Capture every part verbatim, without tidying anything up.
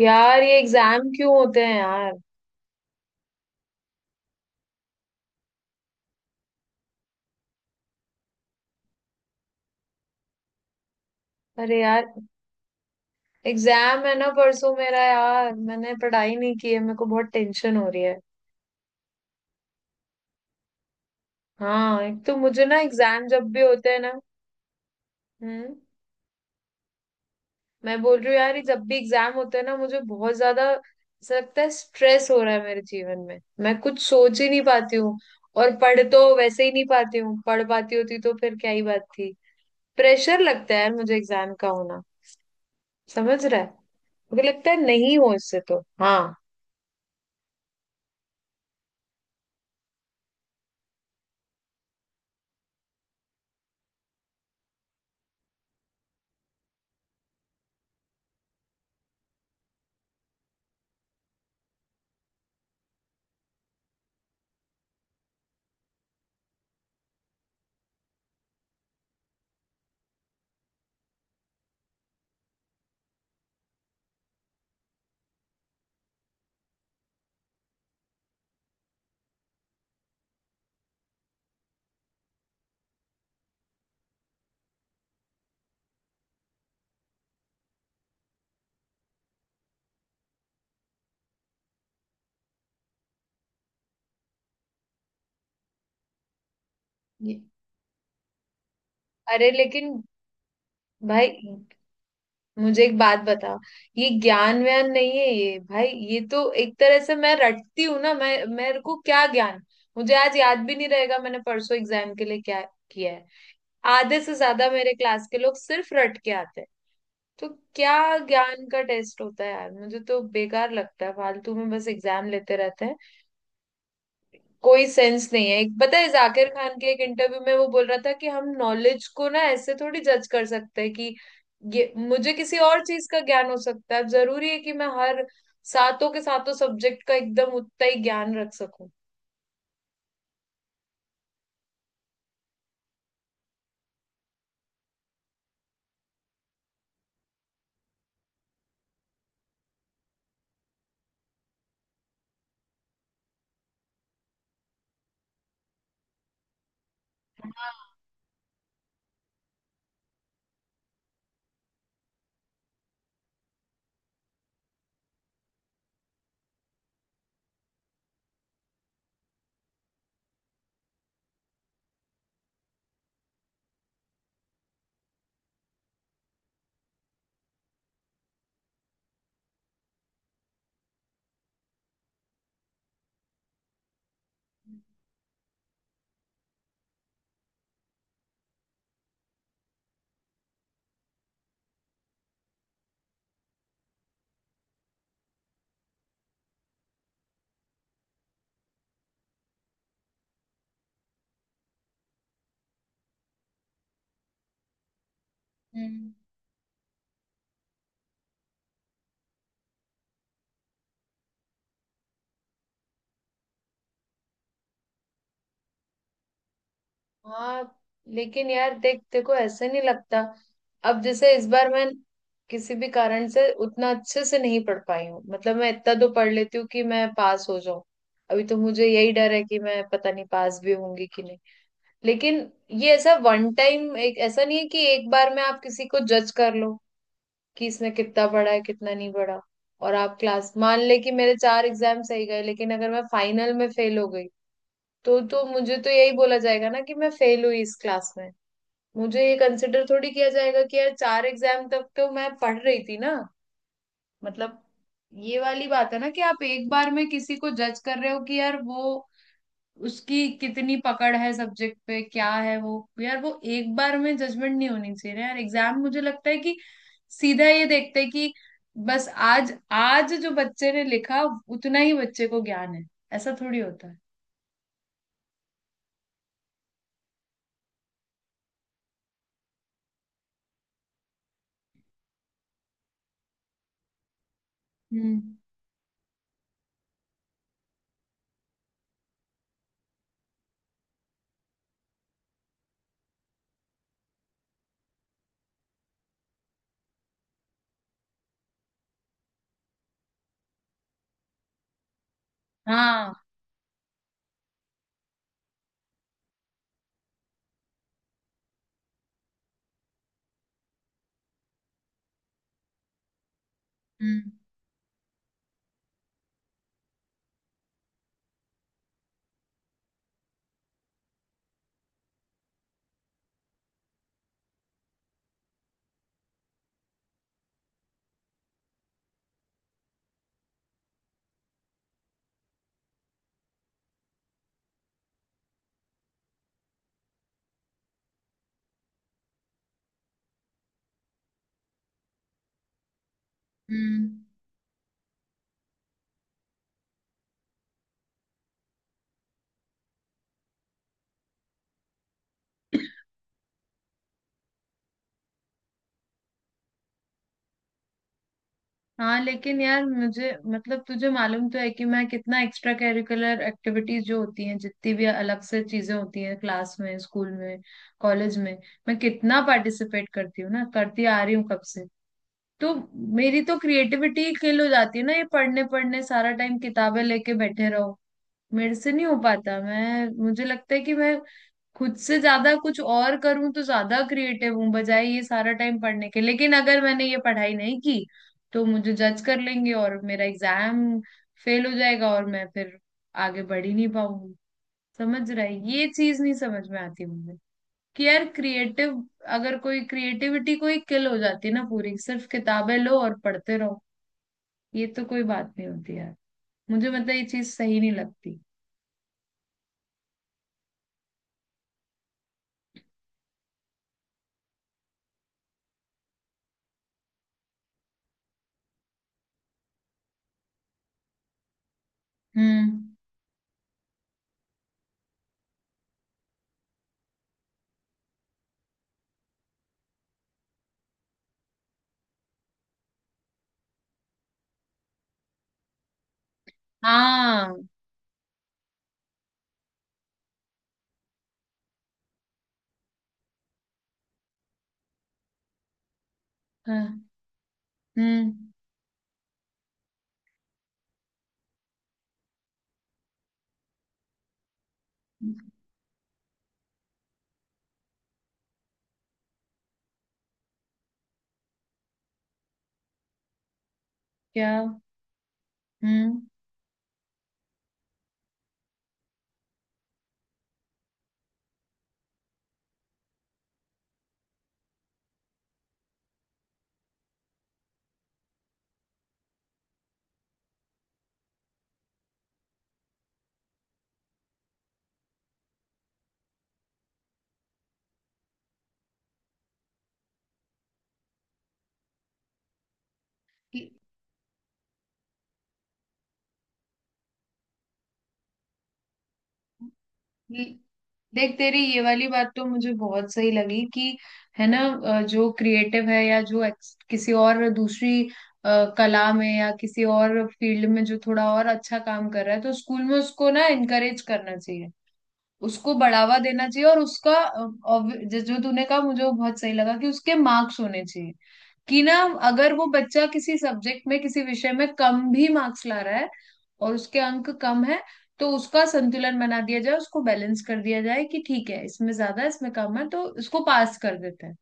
यार ये एग्जाम क्यों होते हैं यार। अरे यार, एग्जाम है ना परसों मेरा। यार मैंने पढ़ाई नहीं की है, मेरे को बहुत टेंशन हो रही है। हाँ, एक तो मुझे ना एग्जाम जब भी होते हैं ना, हम्म, मैं बोल रही हूँ यार, ये जब भी एग्जाम होते हैं ना, मुझे बहुत ज्यादा ऐसा लगता है स्ट्रेस हो रहा है मेरे जीवन में। मैं कुछ सोच ही नहीं पाती हूँ। और पढ़ तो वैसे ही नहीं पाती हूँ, पढ़ पाती होती तो फिर क्या ही बात थी। प्रेशर लगता है यार मुझे एग्जाम का होना। समझ रहा है। मुझे लगता है नहीं हो इससे तो। हाँ, अरे लेकिन भाई, मुझे एक बात बता। ये ज्ञान व्यान नहीं है ये भाई, ये तो एक तरह से मैं रटती हूँ ना। मैं मेरे को क्या ज्ञान। मुझे आज याद भी नहीं रहेगा मैंने परसों एग्जाम के लिए क्या किया है। आधे से ज्यादा मेरे क्लास के लोग सिर्फ रट के आते हैं। तो क्या ज्ञान का टेस्ट होता है यार? मुझे तो बेकार लगता है, फालतू में बस एग्जाम लेते रहते हैं। कोई सेंस नहीं है। एक पता है, जाकिर खान के एक इंटरव्यू में वो बोल रहा था कि हम नॉलेज को ना ऐसे थोड़ी जज कर सकते हैं कि ये। मुझे किसी और चीज का ज्ञान हो सकता है, अब जरूरी है कि मैं हर सातों के सातों सब्जेक्ट का एकदम उतना ही ज्ञान रख सकूं? हाँ। हम्म। हाँ लेकिन यार देख, देखो ऐसे नहीं लगता। अब जैसे इस बार मैं किसी भी कारण से उतना अच्छे से नहीं पढ़ पाई हूँ, मतलब मैं इतना तो पढ़ लेती हूँ कि मैं पास हो जाऊं। अभी तो मुझे यही डर है कि मैं पता नहीं पास भी होंगी कि नहीं। लेकिन ये ऐसा वन टाइम, एक ऐसा नहीं है कि एक बार में आप किसी को जज कर लो कि इसने कितना पढ़ा है कितना नहीं पढ़ा। और आप क्लास मान ले कि मेरे चार एग्जाम सही गए लेकिन अगर मैं फाइनल में फेल हो गई, तो तो मुझे तो यही बोला जाएगा ना कि मैं फेल हुई इस क्लास में। मुझे ये कंसिडर थोड़ी किया जाएगा कि यार चार एग्जाम तक तो मैं पढ़ रही थी ना। मतलब ये वाली बात है ना कि आप एक बार में किसी को जज कर रहे हो कि यार वो, उसकी कितनी पकड़ है सब्जेक्ट पे, क्या है वो। यार वो एक बार में जजमेंट नहीं होनी चाहिए ना यार। एग्जाम मुझे लगता है कि सीधा ये देखते हैं कि बस आज, आज जो बच्चे ने लिखा उतना ही बच्चे को ज्ञान है। ऐसा थोड़ी होता है। हम्म। हाँ। हम्म। हम्म। हाँ लेकिन यार, मुझे मतलब तुझे मालूम तो है कि मैं कितना एक्स्ट्रा करिकुलर एक्टिविटीज जो होती हैं जितनी भी अलग से चीजें होती हैं क्लास में, स्कूल में, कॉलेज में, मैं कितना पार्टिसिपेट करती हूँ ना, करती आ रही हूँ कब से। तो मेरी तो क्रिएटिविटी किल हो जाती है ना, ये पढ़ने पढ़ने सारा टाइम किताबें लेके बैठे रहो। मेरे से नहीं हो पाता। मैं मुझे लगता है कि मैं खुद से ज्यादा कुछ और करूं तो ज्यादा क्रिएटिव हूं बजाय ये सारा टाइम पढ़ने के। लेकिन अगर मैंने ये पढ़ाई नहीं की तो मुझे जज कर लेंगे और मेरा एग्जाम फेल हो जाएगा और मैं फिर आगे बढ़ ही नहीं पाऊंगी। समझ रहा है? ये चीज नहीं समझ में आती मुझे कि यार, क्रिएटिव, अगर कोई क्रिएटिविटी कोई किल हो जाती है ना पूरी, सिर्फ किताबें लो और पढ़ते रहो, ये तो कोई बात नहीं होती यार। मुझे मतलब ये चीज सही नहीं लगती। हम्म। हाँ। हाँ, हम्म। क्या? हम्म। ल- देख, तेरी ये वाली बात तो मुझे बहुत सही लगी कि है ना, अ, जो क्रिएटिव है या जो ex- किसी और दूसरी अ, कला में या किसी और फील्ड में जो थोड़ा और अच्छा काम कर रहा है, तो स्कूल में उसको ना इनकरेज करना चाहिए, उसको बढ़ावा देना चाहिए। और उसका अ, obvi- जिस- जो तूने कहा, मुझे वो बहुत सही लगा कि उसके मार्क्स होने चाहिए। कि ना, अगर वो बच्चा किसी सब्जेक्ट में किसी विषय में कम भी मार्क्स ला रहा है और उसके अंक कम है, तो उसका संतुलन बना दिया जाए, उसको बैलेंस कर दिया जाए कि ठीक है इसमें ज्यादा है, इसमें कम है, तो इसको पास कर देते हैं।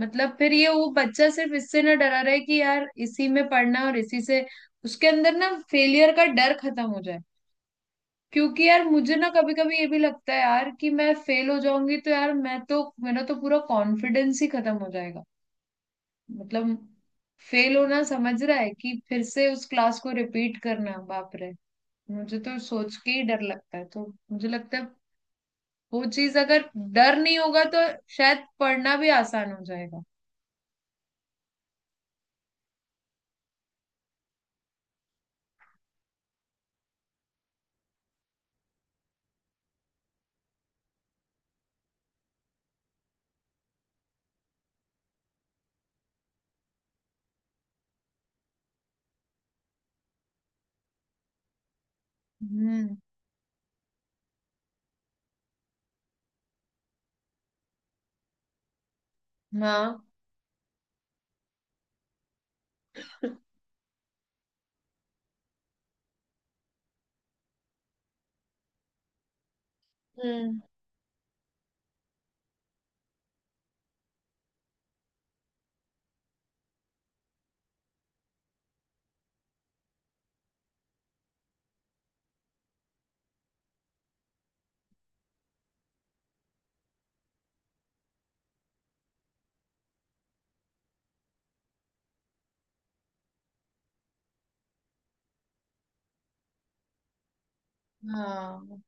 मतलब फिर ये वो बच्चा सिर्फ इससे ना डरा रहे कि यार इसी में पढ़ना है और इसी से उसके अंदर ना फेलियर का डर खत्म हो जाए। क्योंकि यार मुझे ना कभी कभी ये भी लगता है यार कि मैं फेल हो जाऊंगी तो यार मैं तो, मेरा तो पूरा कॉन्फिडेंस ही खत्म हो जाएगा। मतलब फेल होना, समझ रहा है कि फिर से उस क्लास को रिपीट करना, बाप रे। मुझे तो सोच के ही डर लगता है। तो मुझे लगता है वो चीज अगर डर नहीं होगा तो शायद पढ़ना भी आसान हो जाएगा। हम्म। हाँ। हम्म। हाँ,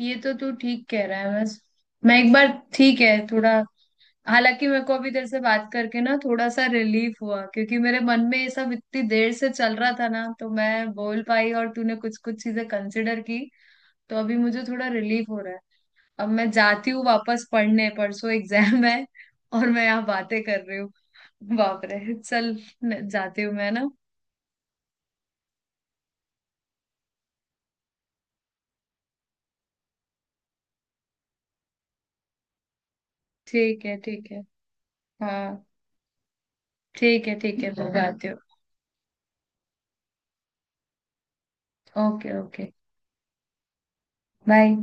ये तो तू ठीक कह रहा है। बस मैं एक बार, ठीक है, थोड़ा, हालांकि मेरे को अभी तेरे से बात करके ना थोड़ा सा रिलीफ हुआ, क्योंकि मेरे मन में ये सब इतनी देर से चल रहा था ना, तो मैं बोल पाई और तूने कुछ कुछ चीजें कंसिडर की। तो अभी मुझे थोड़ा रिलीफ हो रहा है। अब मैं जाती हूँ वापस पढ़ने, परसों एग्जाम है और मैं यहाँ बातें कर रही हूँ। बाप रे, चल। न- जाती हूँ मैं ना। ठीक है ठीक है। हाँ, ठीक है ठीक है, मैं जाती हूँ। Okay okay. बाय।